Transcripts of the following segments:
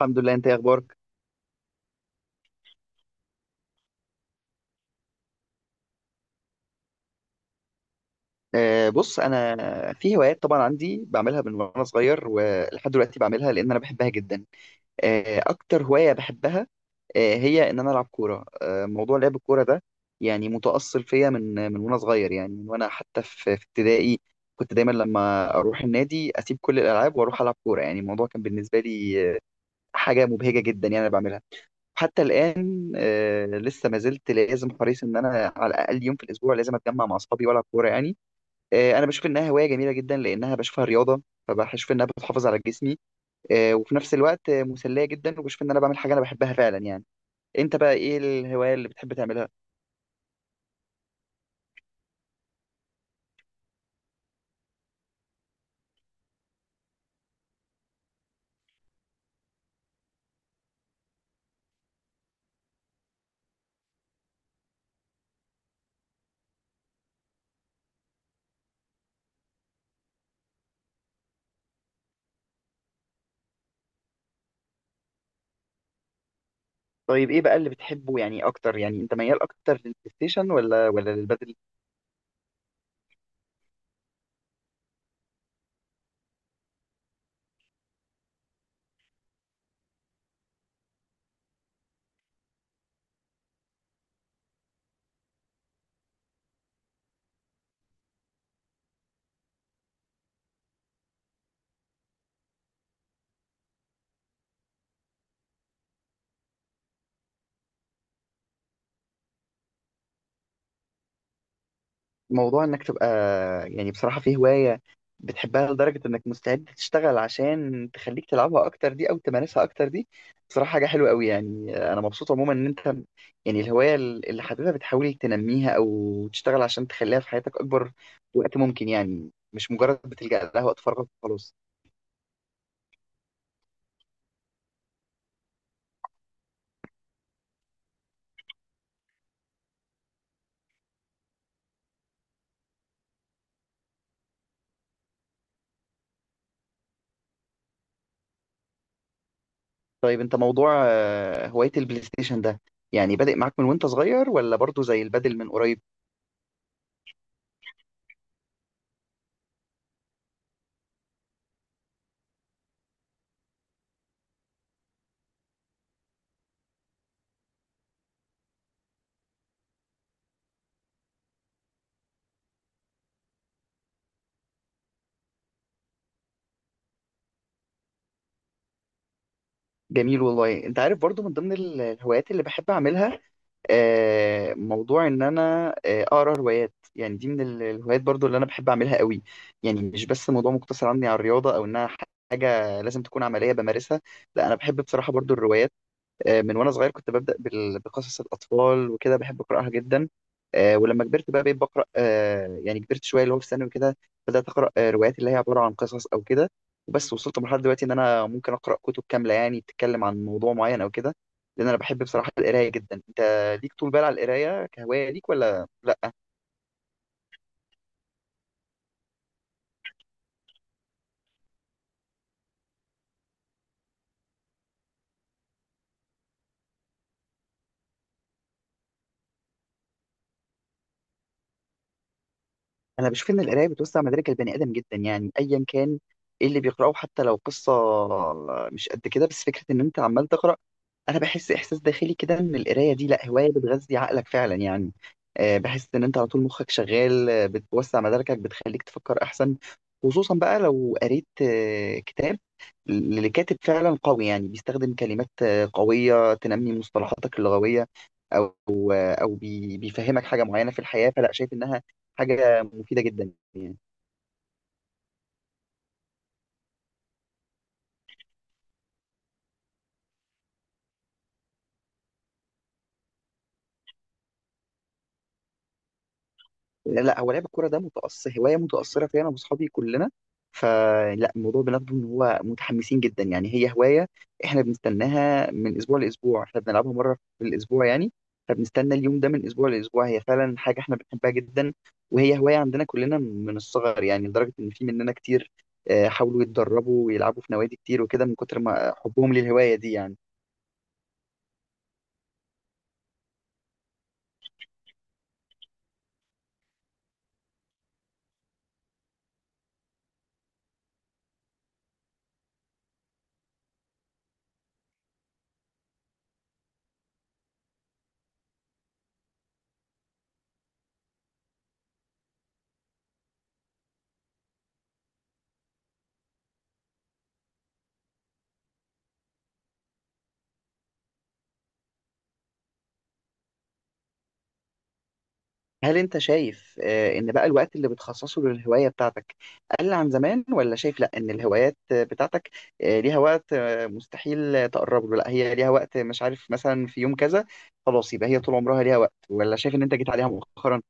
الحمد لله. انت ايه اخبارك؟ بص، انا في هوايات طبعا عندي بعملها من وانا صغير ولحد دلوقتي بعملها لان انا بحبها جدا. اكتر هواية بحبها هي ان انا العب كورة. موضوع لعب الكورة ده يعني متأصل فيا من وانا صغير، يعني من وانا حتى في ابتدائي. كنت دايما لما اروح النادي اسيب كل الالعاب واروح العب كورة، يعني الموضوع كان بالنسبة لي حاجة مبهجة جدا يعني انا بعملها حتى الان. لسه ما زلت لازم حريص ان انا على الاقل يوم في الاسبوع لازم اتجمع مع اصحابي والعب كورة يعني. انا بشوف انها هوايه جميله جدا لانها بشوفها رياضه، فبشوف انها بتحافظ على جسمي وفي نفس الوقت مسليه جدا، وبشوف ان انا بعمل حاجه انا بحبها فعلا يعني. انت بقى ايه الهوايه اللي بتحب تعملها؟ طيب ايه بقى اللي بتحبه يعني اكتر؟ يعني انت ميال اكتر للبلاي ستيشن ولا للبادل؟ موضوع انك تبقى يعني بصراحة في هواية بتحبها لدرجة انك مستعد تشتغل عشان تخليك تلعبها اكتر دي او تمارسها اكتر دي، بصراحة حاجة حلوة قوي. يعني انا مبسوط عموما ان انت يعني الهواية اللي حاببها بتحاول تنميها او تشتغل عشان تخليها في حياتك اكبر وقت ممكن، يعني مش مجرد بتلجأ لها وقت فراغك وخلاص. طيب انت موضوع هواية البلاي ستيشن ده يعني بادئ معاك من وانت صغير ولا برضو زي البادل من قريب؟ جميل والله. انت عارف برضو من ضمن الهوايات اللي بحب اعملها موضوع ان انا اقرا روايات، يعني دي من الهوايات برضو اللي انا بحب اعملها قوي. يعني مش بس موضوع مقتصر عني على الرياضة او انها حاجة لازم تكون عملية بمارسها. لا، انا بحب بصراحة برضو الروايات. من وانا صغير كنت ببدأ بقصص الأطفال وكده بحب أقرأها جدا. ولما كبرت بقى بقيت بقرأ، يعني كبرت شوية اللي هو في ثانوي وكده بدأت أقرأ روايات اللي هي عبارة عن قصص أو كده. وبس وصلت لمرحلة دلوقتي إن أنا ممكن أقرأ كتب كاملة يعني بتتكلم عن موضوع معين أو كده، لأن أنا بحب بصراحة القراية جدا. أنت ليك طول بال على القراية كهواية ليك ولا لأ؟ أنا بشوف إن القراية بتوسع مدارك البني آدم جدا، يعني أيا كان إيه اللي بيقرأه حتى لو قصة، مش قد كده بس فكرة إن أنت عمال تقرأ. انا بحس احساس داخلي كده ان القرايه دي لا هوايه بتغذي عقلك فعلا يعني. بحس ان انت على طول مخك شغال، بتوسع مداركك بتخليك تفكر احسن، خصوصا بقى لو قريت كتاب لكاتب فعلا قوي يعني بيستخدم كلمات قوية تنمي مصطلحاتك اللغوية، او بيفهمك حاجة معينة في الحياة، فلا شايف انها حاجة مفيدة جدا يعني. لا، هو لعب الكوره ده متأثر هوايه متأثره فيا انا واصحابي كلنا، فلا الموضوع بناخده ان هو متحمسين جدا، يعني هي هوايه احنا بنستناها من اسبوع لاسبوع. احنا بنلعبها مره في الاسبوع يعني، فبنستنى اليوم ده من اسبوع لاسبوع. هي فعلا حاجه احنا بنحبها جدا، وهي هوايه عندنا كلنا من الصغر، يعني لدرجه ان في مننا كتير حاولوا يتدربوا ويلعبوا في نوادي كتير وكده من كتر ما حبهم للهوايه دي يعني. هل انت شايف ان بقى الوقت اللي بتخصصه للهواية بتاعتك قل عن زمان، ولا شايف لا ان الهوايات بتاعتك ليها وقت مستحيل تقرب له، لا هي ليها وقت مش عارف مثلا في يوم كذا خلاص يبقى هي طول عمرها ليها وقت، ولا شايف ان انت جيت عليها مؤخرا؟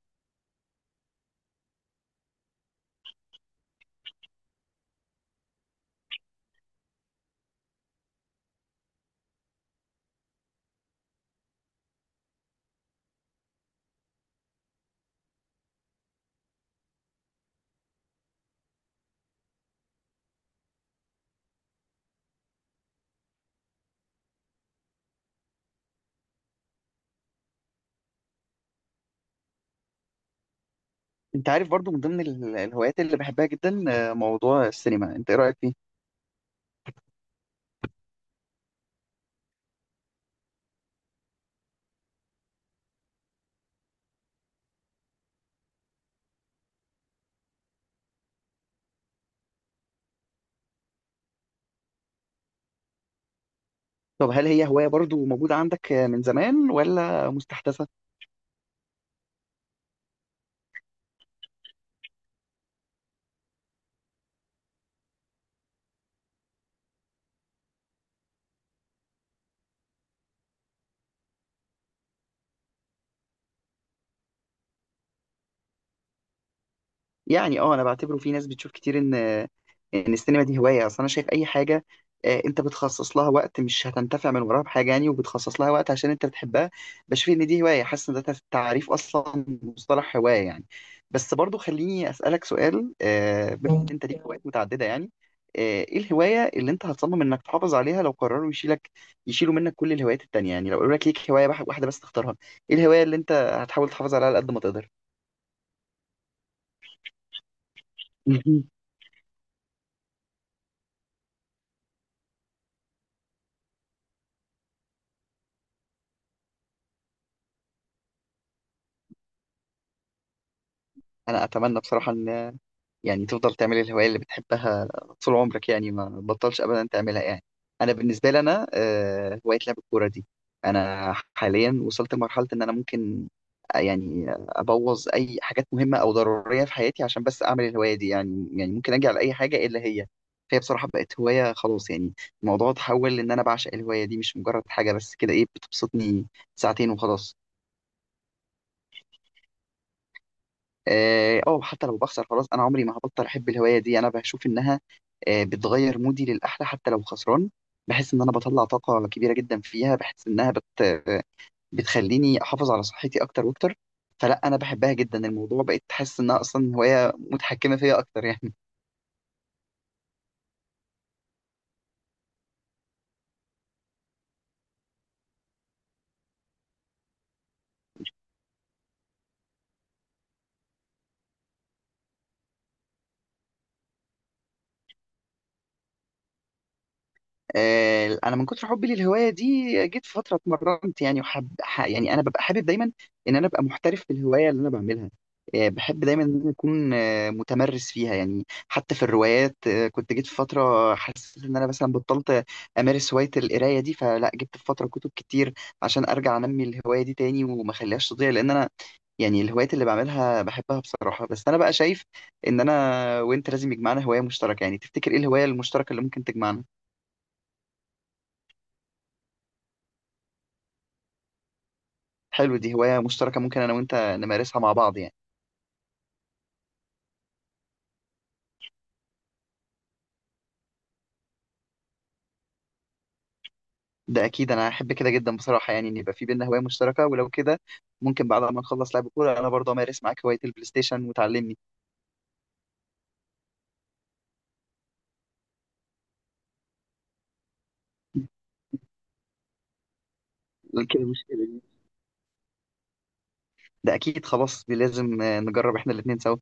انت عارف برضو من ضمن الهوايات اللي بحبها جدا موضوع السينما، انت ايه رأيك فيه؟ طب هل هي هواية برضو موجودة عندك من زمان ولا مستحدثة؟ يعني اه، انا بعتبره في ناس بتشوف كتير ان السينما دي هوايه. اصل انا شايف اي حاجه انت بتخصص لها وقت مش هتنتفع من وراها بحاجه يعني، وبتخصص لها وقت عشان انت بتحبها بشوف ان دي هوايه، حاسس ان ده تعريف اصلا مصطلح هوايه يعني. بس برضو خليني اسالك سؤال، بما ان انت ليك هوايات متعدده يعني، ايه الهوايه اللي انت هتصمم انك تحافظ عليها لو قرروا يشيلوا منك كل الهوايات التانيه يعني، لو قالوا لك ليك هوايه واحده بس تختارها، ايه الهوايه اللي انت هتحاول تحافظ عليها على قد ما تقدر؟ انا اتمنى بصراحه ان يعني تفضل تعمل الهواية اللي بتحبها طول عمرك يعني ما بطلش أبدا تعملها يعني. أنا بالنسبة لي أنا هواية لعب الكورة دي، أنا حاليا وصلت لمرحلة إن أنا ممكن يعني أبوظ أي حاجات مهمة أو ضرورية في حياتي عشان بس أعمل الهواية دي، يعني ممكن أجي على أي حاجة إلا هي. فهي بصراحة بقت هواية خلاص. يعني الموضوع اتحول إن أنا بعشق الهواية دي مش مجرد حاجة بس كده إيه بتبسطني ساعتين وخلاص. اه، أو حتى لو بخسر خلاص انا عمري ما هبطل احب الهوايه دي. انا بشوف انها بتغير مودي للاحلى حتى لو خسران، بحس ان انا بطلع طاقه كبيره جدا فيها. بحس انها بت... آه، بتخليني احافظ على صحتي اكتر واكتر. فلا انا بحبها جدا. الموضوع بقيت حاسس انها اصلا هوايه متحكمه فيا اكتر يعني. انا من كتر حبي للهوايه دي جيت في فتره اتمرنت يعني انا ببقى حابب دايما ان انا ابقى محترف في الهوايه اللي انا بعملها. بحب دايما ان أنا اكون متمرس فيها يعني. حتى في الروايات كنت جيت في فتره حسيت ان انا مثلا بطلت امارس هوايه القرايه دي، فلا جبت في فتره كتب كتير عشان ارجع انمي الهوايه دي تاني وما اخليهاش تضيع، لان انا يعني الهوايات اللي بعملها بحبها بصراحه. بس انا بقى شايف ان انا وانت لازم يجمعنا هوايه مشتركه، يعني تفتكر ايه الهوايه المشتركه اللي ممكن تجمعنا؟ حلو، دي هواية مشتركة ممكن أنا وأنت نمارسها مع بعض يعني. ده أكيد أنا أحب كده جدا بصراحة يعني إن يبقى في بينا هواية مشتركة ولو كده، ممكن بعد ما نخلص لعب كورة أنا برضه أمارس معاك هواية البلاي ستيشن وتعلمني. كده مشكلة دي. ده أكيد خلاص دي لازم نجرب إحنا الاتنين سوا.